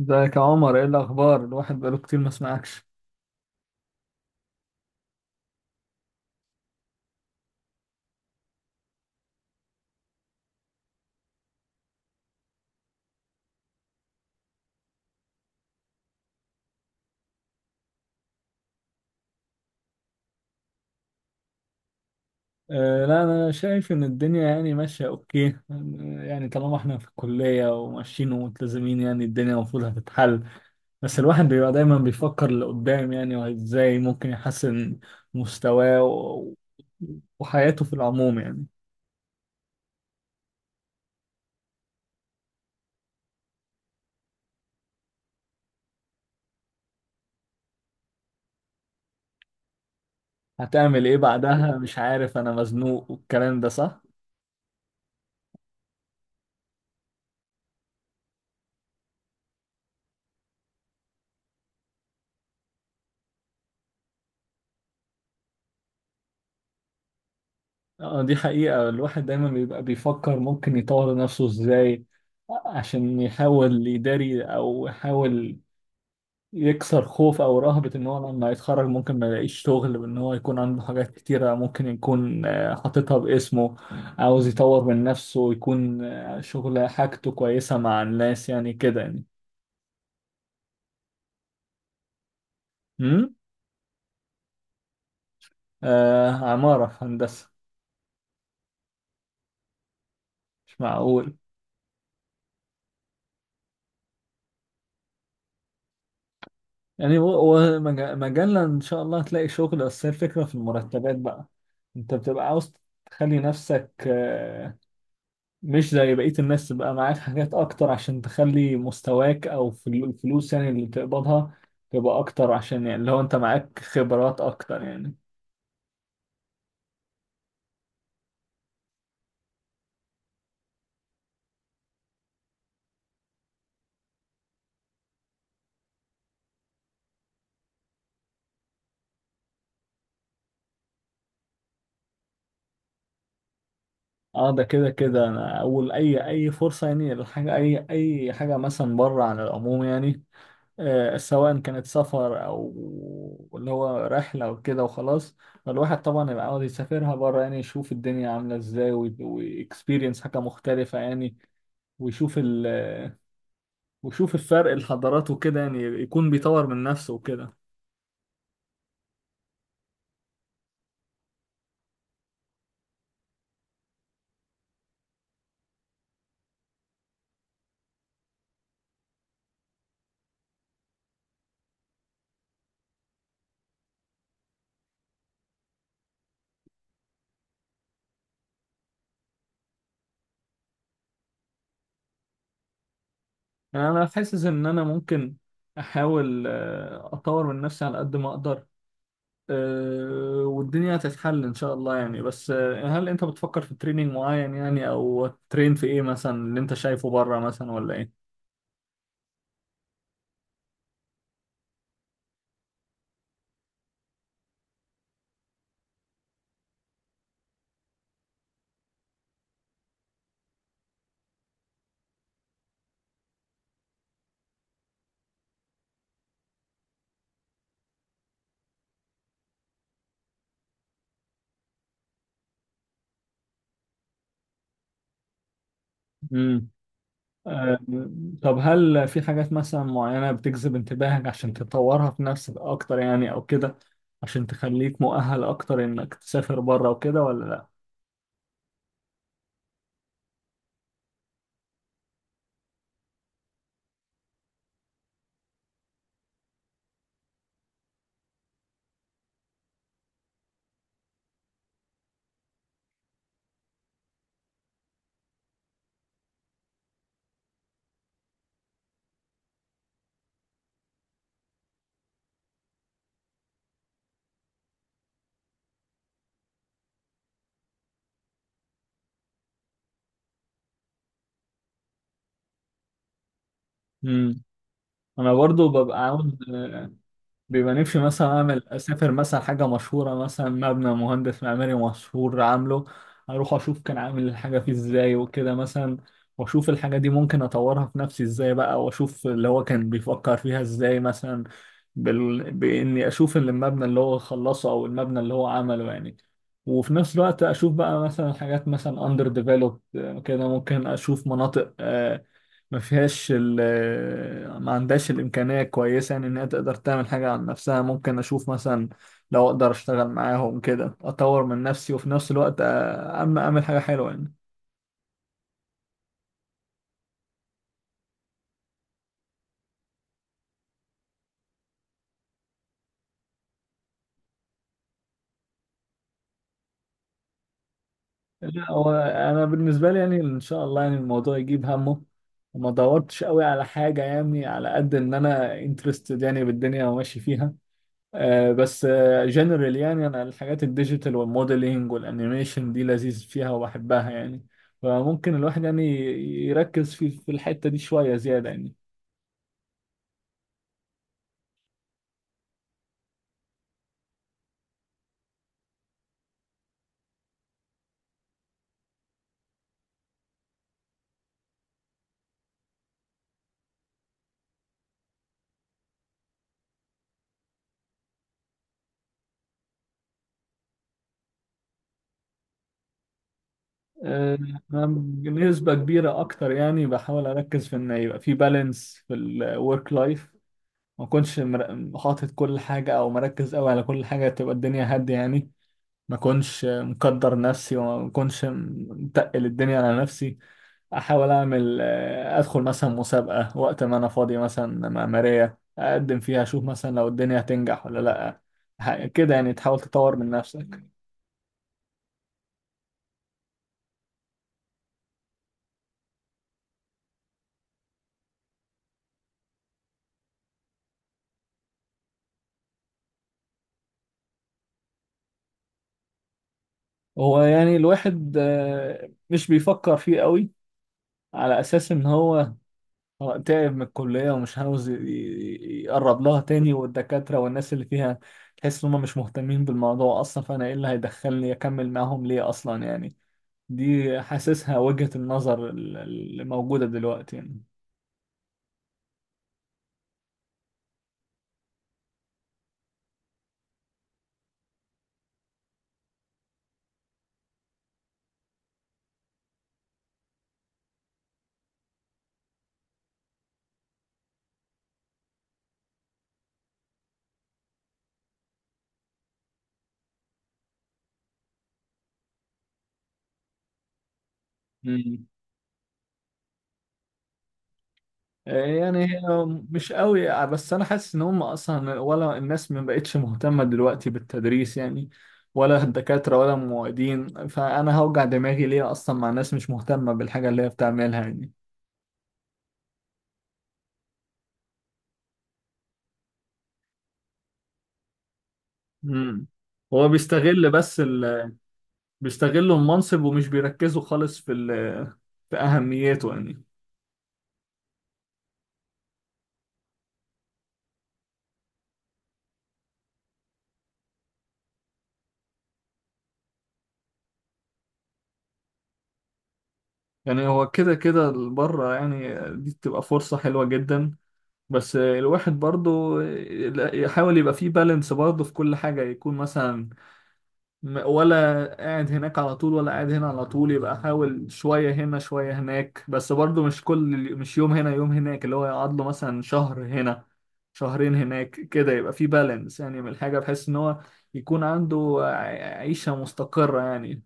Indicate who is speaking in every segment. Speaker 1: ازيك يا عمر، ايه الاخبار؟ الواحد بقاله كتير ما سمعكش. أه لا، انا شايف ان الدنيا يعني ماشيه اوكي، يعني طالما احنا في الكليه وماشيين وملتزمين يعني الدنيا المفروض هتتحل. بس الواحد بيبقى دايما بيفكر لقدام يعني، وازاي ممكن يحسن مستواه وحياته في العموم يعني. هتعمل ايه بعدها؟ مش عارف، انا مزنوق، والكلام ده صح. اه دي حقيقة، الواحد دايما بيبقى بيفكر ممكن يطور نفسه ازاي عشان يحاول يداري او يحاول يكسر خوف او رهبة ان هو لما يتخرج ممكن ما يلاقيش شغل، وان هو يكون عنده حاجات كتيرة ممكن يكون حاططها باسمه. عاوز يطور من نفسه ويكون شغله حاجته كويسة مع الناس يعني كده يعني. امم آه، عمارة هندسة. مش معقول. يعني هو هو مجال ان شاء الله هتلاقي شغل، بس هي الفكره في المرتبات بقى. انت بتبقى عاوز تخلي نفسك مش زي بقيه الناس، تبقى معاك حاجات اكتر عشان تخلي مستواك او الفلوس يعني اللي بتقبضها تبقى اكتر، عشان يعني لو انت معاك خبرات اكتر يعني. اه ده كده كده، انا اول اي فرصه يعني، الحاجه اي حاجه مثلا بره عن العموم يعني، سواء كانت سفر او اللي هو رحله وكده وخلاص. فالواحد طبعا يبقى عاوز يسافرها بره يعني، يشوف الدنيا عامله ازاي واكسبيرينس حاجه مختلفه يعني. ويشوف ال ويشوف الفرق الحضارات وكده يعني يكون بيطور من نفسه وكده. يعني انا حاسس ان انا ممكن احاول اطور من نفسي على قد ما اقدر، والدنيا هتتحل ان شاء الله يعني، بس هل انت بتفكر في تريننج معين يعني، او ترين في ايه مثلا اللي انت شايفه بره مثلا، ولا ايه؟ امم آه، طب هل في حاجات مثلا معينة بتجذب انتباهك عشان تطورها في نفسك أكتر يعني أو كده، عشان تخليك مؤهل أكتر إنك تسافر بره وكده، ولا لأ؟ امم أنا برضو ببقى عاوز، بيبقى نفسي مثلا اسافر مثلا حاجه مشهوره مثلا مبنى مهندس معماري مشهور عامله، اروح اشوف كان عامل الحاجه فيه ازاي وكده مثلا، واشوف الحاجه دي ممكن اطورها في نفسي ازاي بقى، واشوف اللي هو كان بيفكر فيها ازاي مثلا. باني اشوف اللي المبنى اللي هو خلصه او المبنى اللي هو عمله يعني. وفي نفس الوقت اشوف بقى مثلا حاجات مثلا اندر ديفلوبد كده، ممكن اشوف مناطق ما فيهاش ال ما عندهاش الإمكانية كويسة يعني إن هي تقدر تعمل حاجة عن نفسها، ممكن أشوف مثلا لو أقدر أشتغل معاهم كده أطور من نفسي، وفي نفس الوقت أما أعمل حاجة حلوة يعني. لا هو أنا بالنسبة لي يعني إن شاء الله يعني الموضوع يجيب همه، وما دورتش قوي على حاجة يعني، على قد إن أنا انترستد يعني بالدنيا وماشي فيها، بس جنرال يعني انا الحاجات الديجيتال والموديلينج والانيميشن دي لذيذ فيها وبحبها يعني، فممكن الواحد يعني يركز في الحتة دي شوية زيادة يعني. آه، أنا بنسبة كبيرة أكتر يعني بحاول أركز في إن يبقى في بالانس في الورك لايف، ما أكونش حاطط كل حاجة أو مركز أوي على كل حاجة، تبقى الدنيا هادية يعني. ما أكونش مقدر نفسي وما أكونش متقل الدنيا على نفسي. احاول اعمل ادخل مثلا مسابقة وقت ما انا فاضي مثلا معمارية اقدم فيها، اشوف مثلا لو الدنيا هتنجح ولا لا. كده يعني تحاول تطور من نفسك. هو يعني الواحد مش بيفكر فيه قوي، على اساس ان هو تعب من الكلية ومش عاوز يقرب لها تاني، والدكاترة والناس اللي فيها تحس ان هم مش مهتمين بالموضوع اصلا، فانا ايه اللي هيدخلني اكمل معاهم ليه اصلا يعني. دي حاسسها وجهة النظر اللي موجودة دلوقتي يعني. مم. يعني هي مش قوي، بس انا حاسس ان هم اصلا، ولا الناس ما بقتش مهتمه دلوقتي بالتدريس يعني، ولا الدكاتره ولا المعيدين، فانا هوجع دماغي ليه اصلا مع ناس مش مهتمه بالحاجه اللي هي بتعملها يعني. مم. هو بيستغل بس بيستغلوا المنصب، ومش بيركزوا خالص في اهميته يعني. يعني هو كده كده بره يعني دي بتبقى فرصه حلوه جدا، بس الواحد برضو يحاول يبقى فيه بالانس برضو في كل حاجة، يكون مثلا ولا قاعد هناك على طول ولا قاعد هنا على طول، يبقى حاول شوية هنا شوية هناك، بس برضو مش كل مش يوم هنا يوم هناك، اللي هو يقعد له مثلا شهر هنا شهرين هناك، كده يبقى فيه بالانس يعني من الحاجة، بحيث ان هو يكون عنده عيشة مستقرة يعني.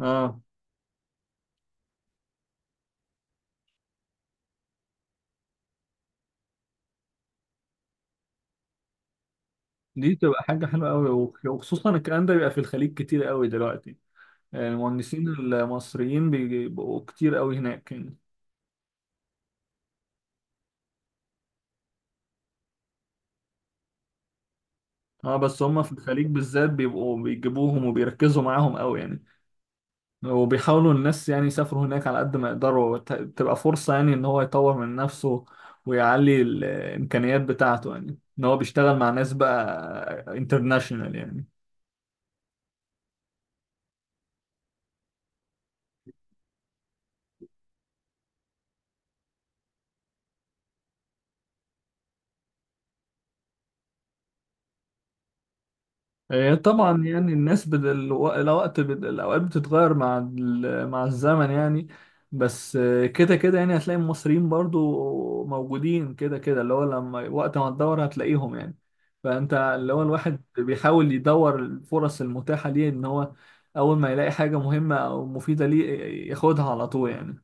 Speaker 1: اه دي تبقى حاجة حلوة قوي، وخصوصا الكلام ده بيبقى في الخليج كتير قوي دلوقتي، المهندسين المصريين بيبقوا كتير قوي هناك يعني. اه بس هم في الخليج بالذات بيبقوا بيجيبوهم وبيركزوا معاهم قوي يعني. وبيحاولوا الناس يعني يسافروا هناك على قد ما يقدروا، تبقى فرصة يعني ان هو يطور من نفسه، ويعلي الامكانيات بتاعته يعني ان هو بيشتغل مع ناس بقى انترناشونال يعني. هي طبعا يعني الناس بدل الوقت بدل الأوقات بتتغير مع مع الزمن يعني. بس كده كده يعني هتلاقي المصريين برضو موجودين كده كده، اللي هو لما وقت ما تدور هتلاقيهم يعني. فأنت اللي هو الواحد بيحاول يدور الفرص المتاحة ليه، إن هو أول ما يلاقي حاجة مهمة أو مفيدة ليه ياخدها على طول يعني.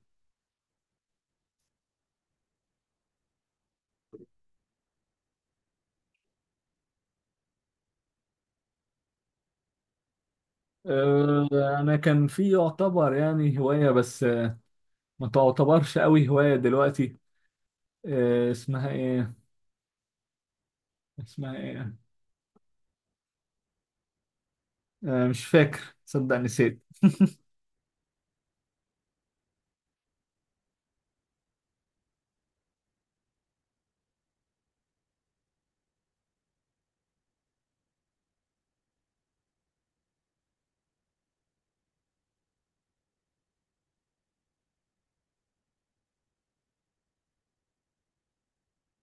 Speaker 1: آه، أنا كان في يعتبر يعني هواية، بس ما تعتبرش قوي هواية دلوقتي. اسمها إيه؟ اسمها إيه؟ مش فاكر، صدق نسيت.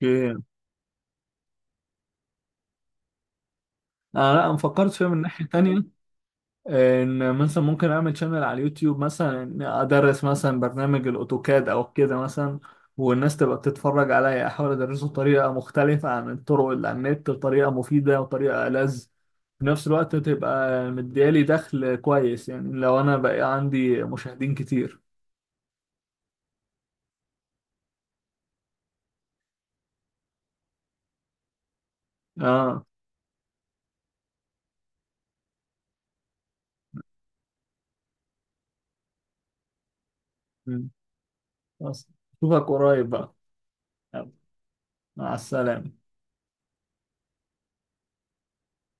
Speaker 1: اوكي. انا لا، انا فكرت فيها من ناحية تانية، ان مثلا ممكن اعمل شانل على اليوتيوب مثلا، إني ادرس مثلا برنامج الاوتوكاد او كده مثلا، والناس تبقى بتتفرج عليا، احاول ادرسه بطريقة مختلفة عن الطرق اللي على النت، بطريقة مفيدة وطريقة ألذ في نفس الوقت، تبقى مديالي دخل كويس يعني لو انا بقى عندي مشاهدين كتير. اه. مم. خلاص، اشوفك قريب بقى، يلا، مع السلامة.